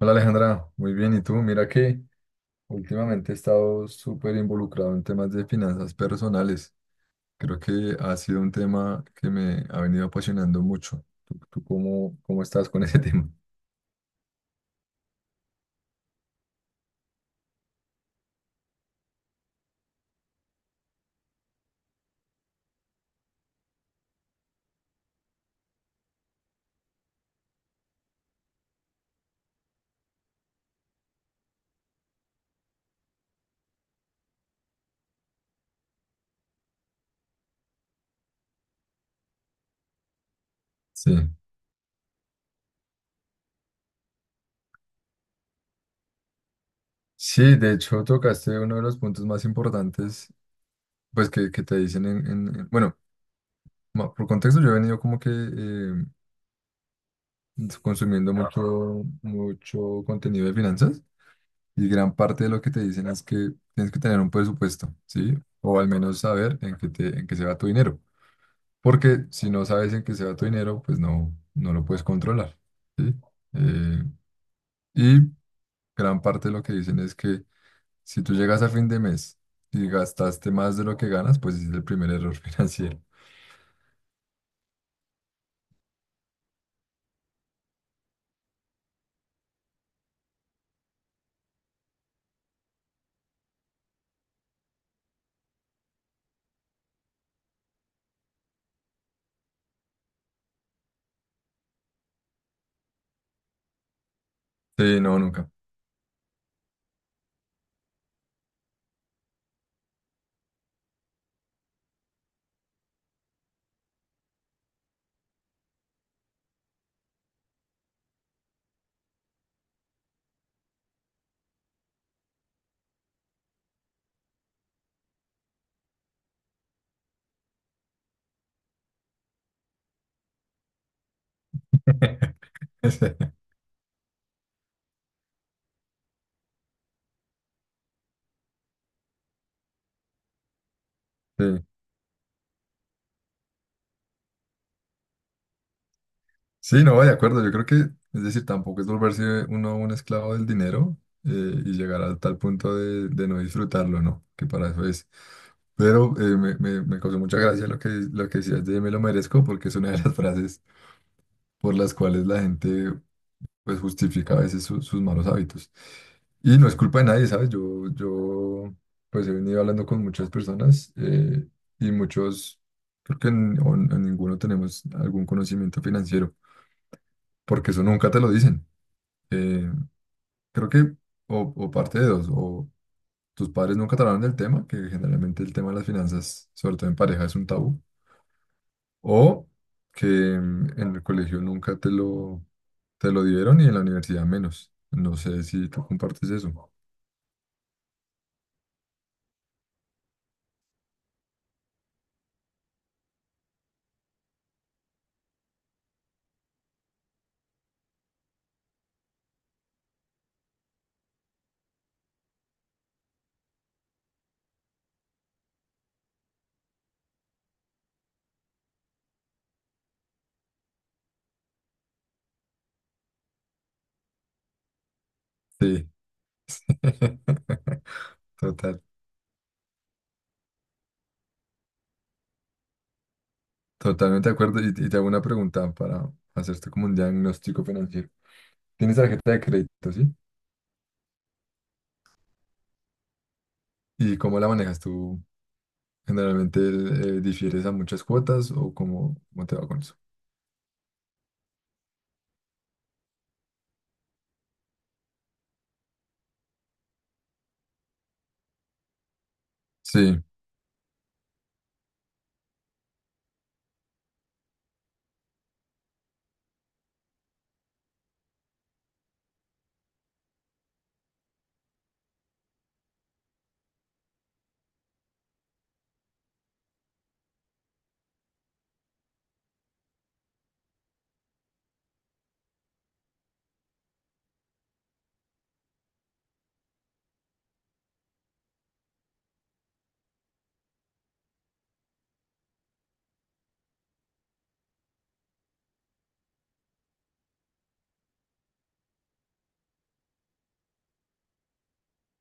Hola Alejandra, muy bien. ¿Y tú? Mira que últimamente he estado súper involucrado en temas de finanzas personales. Creo que ha sido un tema que me ha venido apasionando mucho. ¿Tú cómo estás con ese tema? Sí. Sí, de hecho tocaste uno de los puntos más importantes, pues que te dicen bueno, por contexto yo he venido como que consumiendo mucho, mucho contenido de finanzas. Y gran parte de lo que te dicen es que tienes que tener un presupuesto, ¿sí? O al menos saber en qué se va tu dinero. Porque si no sabes en qué se va tu dinero, pues no lo puedes controlar, ¿sí? Eh, y gran parte de lo que dicen es que si tú llegas a fin de mes y gastaste más de lo que ganas, pues ese es el primer error financiero. Sí, no, nunca. Sí. Sí, no, de acuerdo. Yo creo es decir, tampoco es volverse uno un esclavo del dinero eh, y llegar a tal punto de no disfrutarlo, ¿no? Que para eso es. Pero me causó mucha gracia lo que decías de me lo merezco, porque es una de las frases por las cuales la gente pues justifica a veces sus malos hábitos. Y no es culpa de nadie, ¿sabes? Yo pues he venido hablando con muchas personas y muchos, creo que en ninguno tenemos algún conocimiento financiero porque eso nunca te lo dicen. Eh, creo que, o parte de dos, o tus padres nunca te hablaron del tema, que generalmente el tema de las finanzas, sobre todo en pareja, es un tabú, o que en el colegio nunca te lo dieron y en la universidad menos. No sé si tú compartes eso. Sí. Total, totalmente de acuerdo. Y te hago una pregunta para hacerte como un diagnóstico financiero. ¿Tienes tarjeta de crédito, sí? ¿Y cómo la manejas tú? Generalmente difieres a muchas cuotas, o cómo te va con eso. Sí,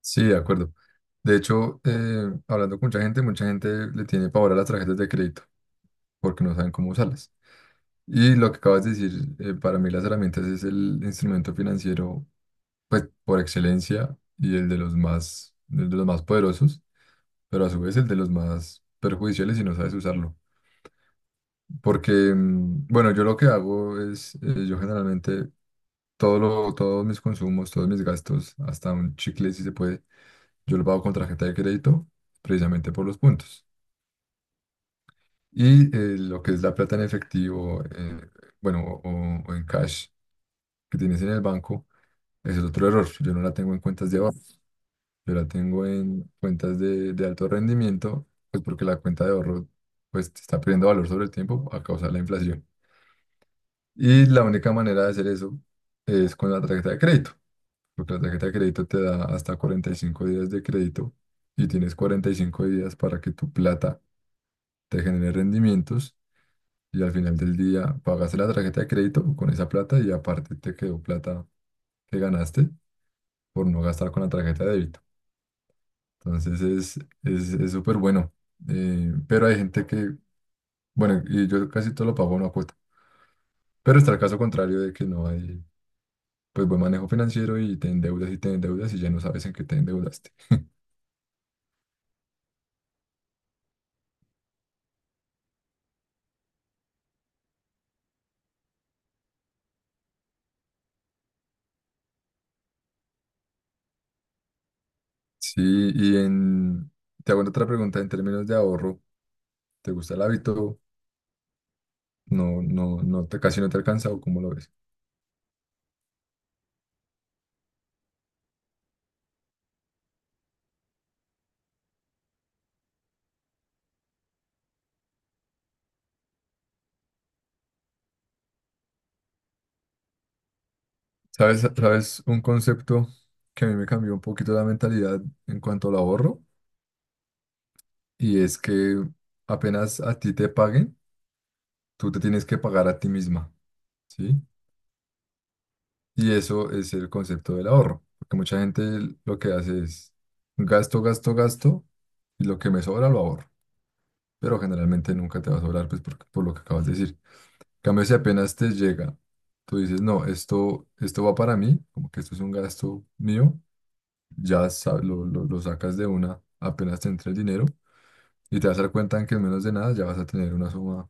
sí, de acuerdo. De hecho, hablando con mucha gente le tiene pavor a las tarjetas de crédito porque no saben cómo usarlas. Y lo que acabas de decir, para mí las herramientas es el instrumento financiero, pues por excelencia y el de los más poderosos, pero a su vez el de los más perjudiciales si no sabes usarlo. Porque, bueno, yo lo que hago es, yo generalmente todo todos mis consumos, todos mis gastos, hasta un chicle si se puede, yo lo pago con tarjeta de crédito precisamente por los puntos. Y lo que es la plata en efectivo, bueno, o en cash que tienes en el banco, ese es otro error. Yo no la tengo en cuentas de ahorro, yo la tengo en cuentas de alto rendimiento, pues porque la cuenta de ahorro pues está perdiendo valor sobre el tiempo a causa de la inflación. Y la única manera de hacer eso es con la tarjeta de crédito. Tu tarjeta de crédito te da hasta 45 días de crédito y tienes 45 días para que tu plata te genere rendimientos y al final del día pagaste la tarjeta de crédito con esa plata y aparte te quedó plata que ganaste por no gastar con la tarjeta de débito. Entonces es súper bueno. Pero hay gente que, bueno, y yo casi todo lo pago no a una cuota. Pero está el caso contrario de que no hay pues buen manejo financiero y te endeudas y te endeudas y ya no sabes en qué te endeudaste. Sí, y en, te hago otra pregunta en términos de ahorro. ¿Te gusta el hábito? Casi no te alcanza, o cómo lo ves. ¿Sabes un concepto que a mí me cambió un poquito la mentalidad en cuanto al ahorro? Y es que apenas a ti te paguen, tú te tienes que pagar a ti misma, ¿sí? Y eso es el concepto del ahorro, porque mucha gente lo que hace es gasto, gasto, gasto, y lo que me sobra lo ahorro, pero generalmente nunca te va a sobrar, pues por lo que acabas de decir. Cambio, si apenas te llega, tú dices, no, esto va para mí, como que esto es un gasto mío, ya lo sacas de una, apenas te entra el dinero y te vas a dar cuenta en que en menos de nada ya vas a tener una suma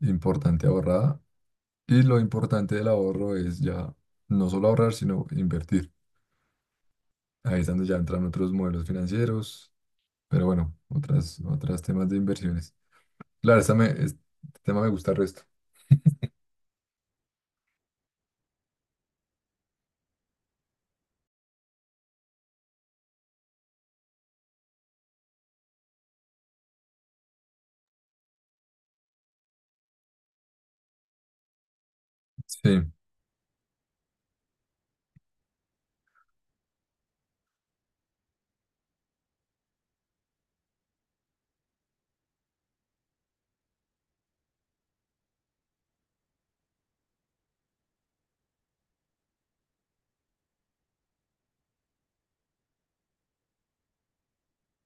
importante ahorrada. Y lo importante del ahorro es ya no solo ahorrar, sino invertir. Ahí es donde ya entran otros modelos financieros, pero bueno, otras temas de inversiones. Claro, este tema me gusta el resto. Sí.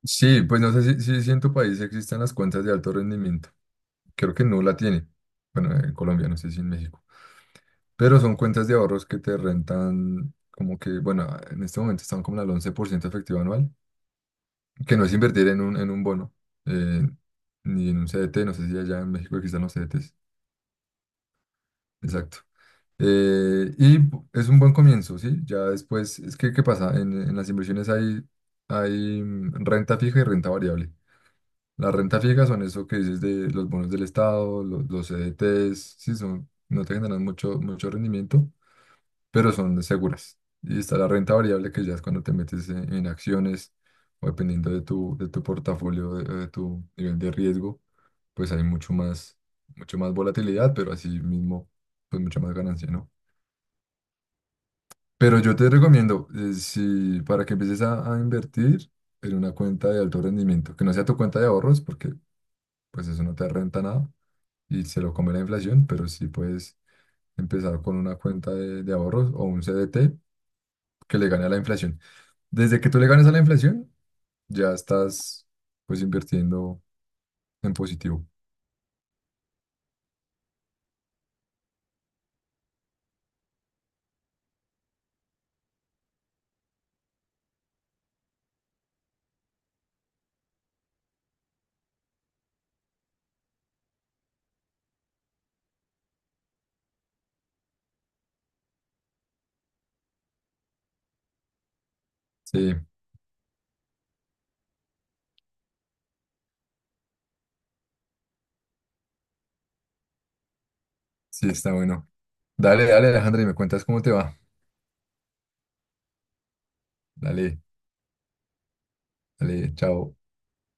Sí, pues no sé si, si en tu país existen las cuentas de alto rendimiento. Creo que no la tiene. Bueno, en Colombia, no sé si en México. Pero son cuentas de ahorros que te rentan como que, bueno, en este momento están como al 11% efectivo anual, que no es invertir en un bono, eh, ni en un CDT. No sé si allá en México existan los CDTs. Exacto. Es un buen comienzo, ¿sí? Ya después, es que, ¿qué pasa? En las inversiones hay, renta fija y renta variable. Las rentas fijas son eso que dices de los bonos del Estado, los, CDTs, sí, son, no te generan mucho, mucho rendimiento, pero son seguras. Y está la renta variable que ya es cuando te metes en acciones o dependiendo de tu portafolio, de tu nivel de riesgo, pues hay mucho más volatilidad, pero así mismo, pues mucha más ganancia, ¿no? Pero yo te recomiendo, si para que empieces a invertir en una cuenta de alto rendimiento, que no sea tu cuenta de ahorros, porque pues eso no te renta nada y se lo come la inflación, pero sí puedes empezar con una cuenta de ahorros o un CDT que le gane a la inflación. Desde que tú le ganes a la inflación, ya estás pues invirtiendo en positivo. Sí, sí, está bueno. Dale, dale, Alejandro, y me cuentas cómo te va. Dale, dale, chao.